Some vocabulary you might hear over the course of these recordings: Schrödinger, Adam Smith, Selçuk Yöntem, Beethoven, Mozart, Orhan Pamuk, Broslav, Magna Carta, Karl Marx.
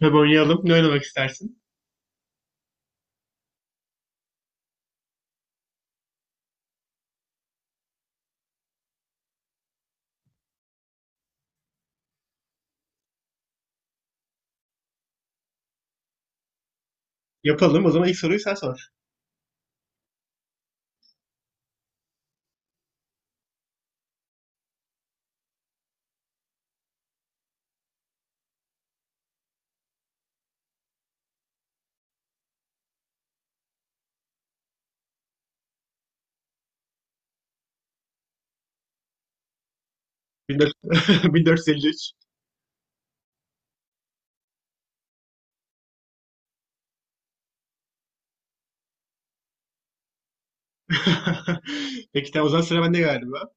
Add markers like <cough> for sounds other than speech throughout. Tabii oynayalım. Ne oynamak istersin? Yapalım. O zaman ilk soruyu sen sor. 14 1453. <laughs> <laughs> Peki, tamam, o zaman sıra bende galiba.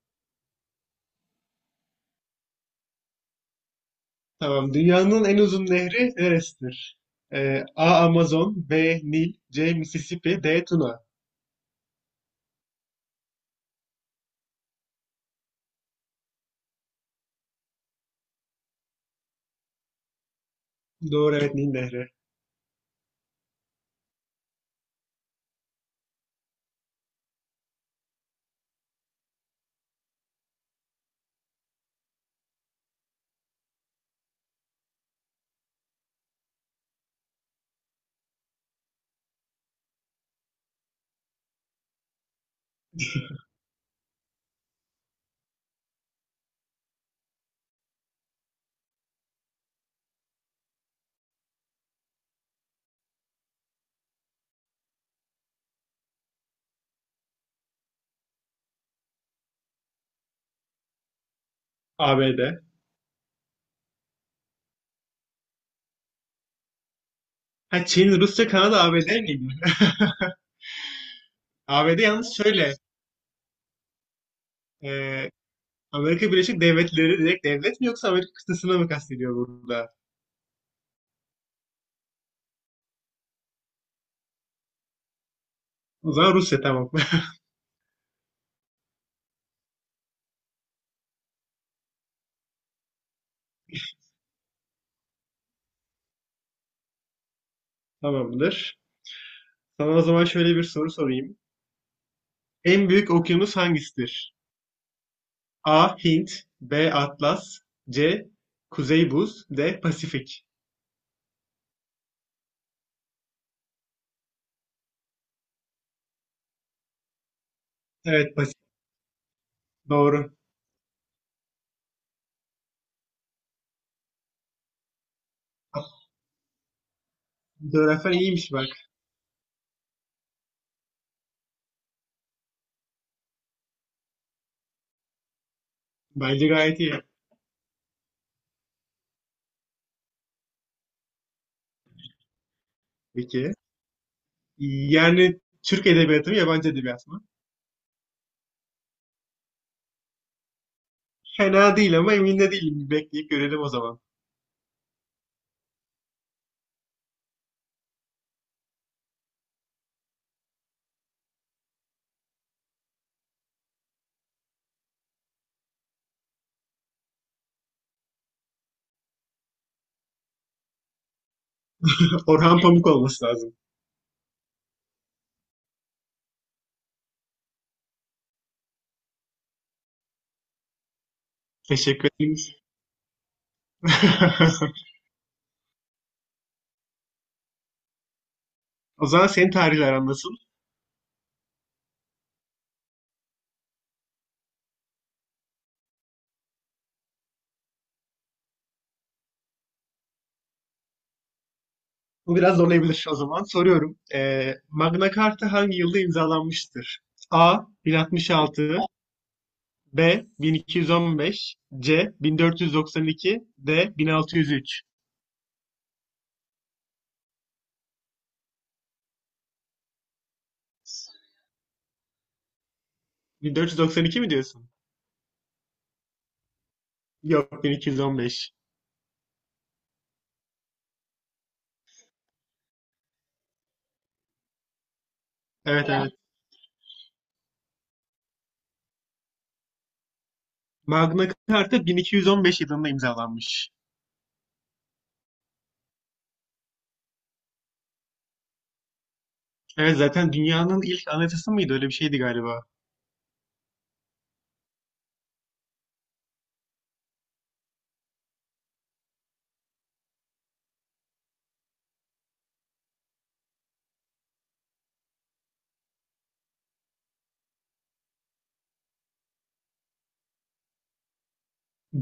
Tamam. Dünyanın en uzun nehri neresidir? A. Amazon, B. Nil, C. Mississippi, D. Tuna. Doğru, evet, Nil Nehri. ABD. Ha, Çin, Rusya, Kanada, ABD miydi? <laughs> ABD, yalnız şöyle. e, Amerika Birleşik Devletleri direkt devlet mi, yoksa Amerika kıtasını mı kastediyor burada? O zaman Rusya, tamam. <laughs> Tamamdır. Sana o zaman şöyle bir soru sorayım. En büyük okyanus hangisidir? A. Hint, B. Atlas, C. Kuzey Buz, D. Pasifik. Evet, Pasifik doğru. Coğrafyan iyiymiş bak. Bence gayet iyi. Peki. Yani Türk edebiyatı mı, yabancı edebiyat mı? Fena değil ama emin de değilim. Bir bekleyip görelim o zaman. Orhan Pamuk olması lazım. Teşekkür ederim. <laughs> O zaman senin tarihle aran nasıl? Bu biraz zorlayabilir o zaman. Soruyorum. Magna Carta hangi yılda imzalanmıştır? A. 1066, B. 1215, C. 1492, D. 1603. 1492 mi diyorsun? Yok, 1215. Evet. Ya, evet. Magna Carta 1215 yılında imzalanmış. Evet, zaten dünyanın ilk anayasası mıydı? Öyle bir şeydi galiba.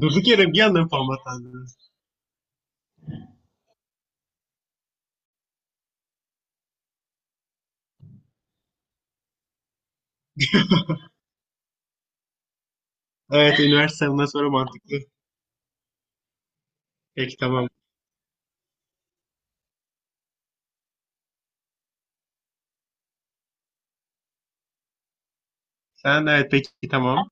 Durduk yere bir anda formatlandı. Evet, üniversite bundan sonra mantıklı. Peki, tamam. Sen, evet, peki, tamam.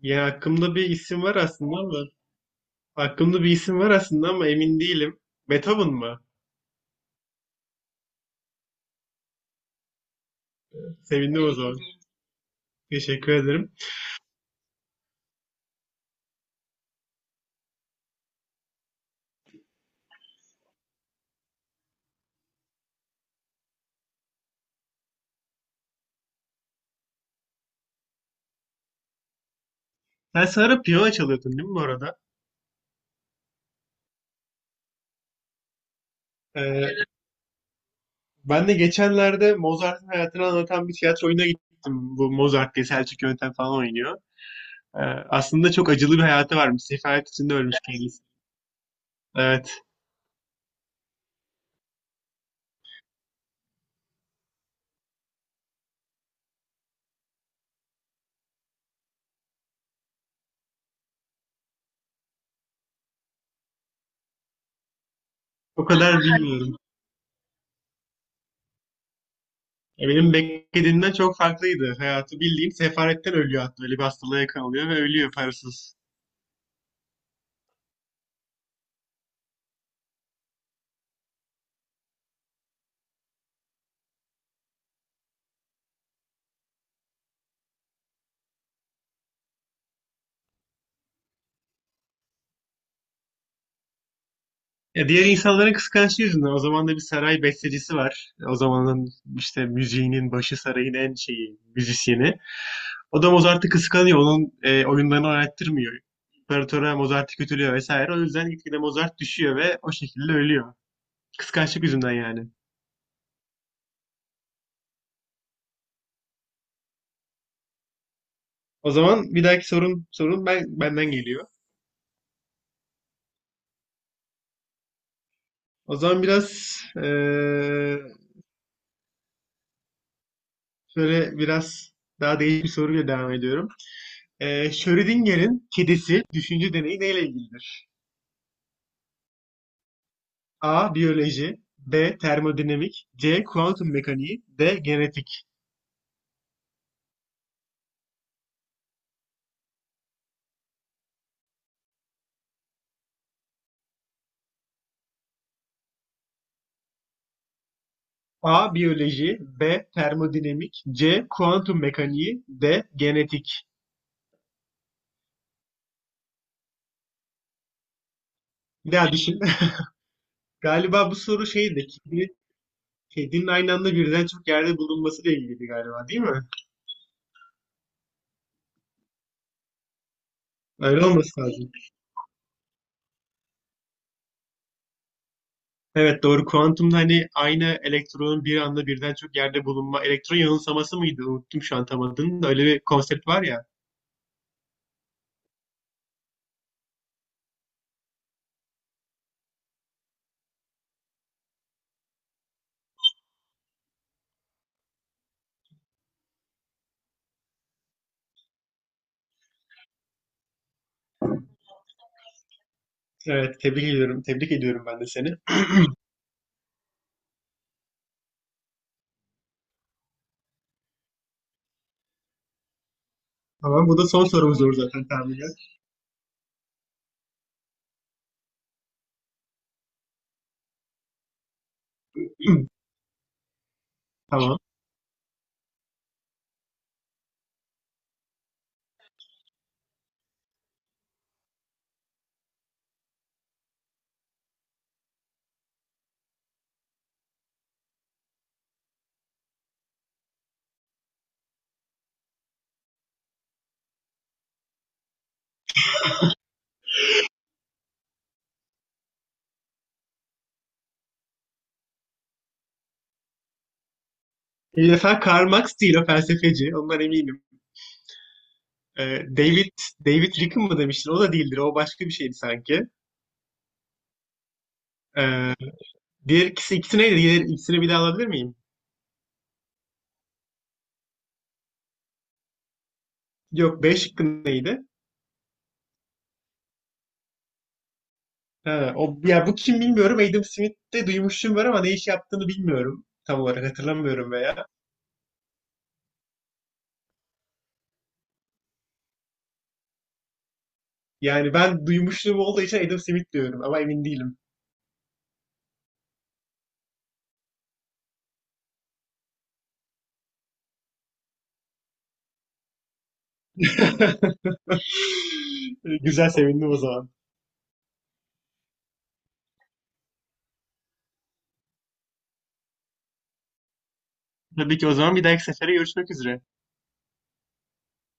Ya, aklımda bir isim var aslında ama emin değilim. Beethoven mı? Sevindim o zaman. Teşekkür ederim. Sen sarı piyano çalıyordun değil mi bu arada? Ee, ben de geçenlerde Mozart'ın hayatını anlatan bir tiyatro oyununa gittim. Bu Mozart diye Selçuk Yöntem falan oynuyor. Ee, aslında çok acılı bir hayatı varmış. Sefalet içinde ölmüş kendisi. Evet. O kadar bilmiyorum. Benim beklediğimden çok farklıydı hayatı. Bildiğin sefaletten ölüyor hatta. Öyle bir hastalığa yakalanıyor ve ölüyor parasız. Ya, diğer insanların kıskançlığı yüzünden. O zaman da bir saray bestecisi var. O zamanın işte müziğinin başı, sarayın en şeyi, müzisyeni. O da Mozart'ı kıskanıyor. Onun oyunlarını oynattırmıyor. İmparatora Mozart'ı kötülüyor vesaire. O yüzden gitgide Mozart düşüyor ve o şekilde ölüyor. Kıskançlık yüzünden yani. O zaman bir dahaki sorun benden geliyor. O zaman biraz e, şöyle biraz daha değişik bir soruyla devam ediyorum. Schrödinger'in kedisi düşünce deneyi neyle ilgilidir? A. Biyoloji, B. Termodinamik, C. Kuantum mekaniği, D. Genetik. A. Biyoloji, B. Termodinamik, C. Kuantum mekaniği, D. Genetik. Bir daha düşün. <laughs> Galiba bu soru şeydi. Kedinin aynı anda birden çok yerde bulunmasıyla ilgiliydi galiba, değil mi? Öyle olması lazım. Evet, doğru. Kuantumda hani aynı elektronun bir anda birden çok yerde bulunma. Elektron yanılsaması mıydı? Unuttum şu an tam adını da. Öyle bir konsept var ya. Evet, tebrik ediyorum. Tebrik ediyorum ben de seni. Tamam, bu da son sorumuz olur zaten tahminen. Tamam. Bir defa Karl Marx değil, o felsefeci. Ondan eminim. Ee, David David Rick'in mı demiştin? O da değildir. O başka bir şeydi sanki. Ee, diğer ikisi neydi? Diğer ikisini bir daha alabilir miyim? Yok, B şıkkı neydi? Ha, o, ya, bu kim bilmiyorum. Adam Smith'te duymuşluğum var ama ne iş yaptığını bilmiyorum. Tam olarak hatırlamıyorum veya. Yani ben duymuşluğum olduğu için Adam Smith diyorum ama emin değilim. <laughs> Güzel, sevindim o zaman. Tabii ki o zaman bir dahaki sefere görüşmek üzere.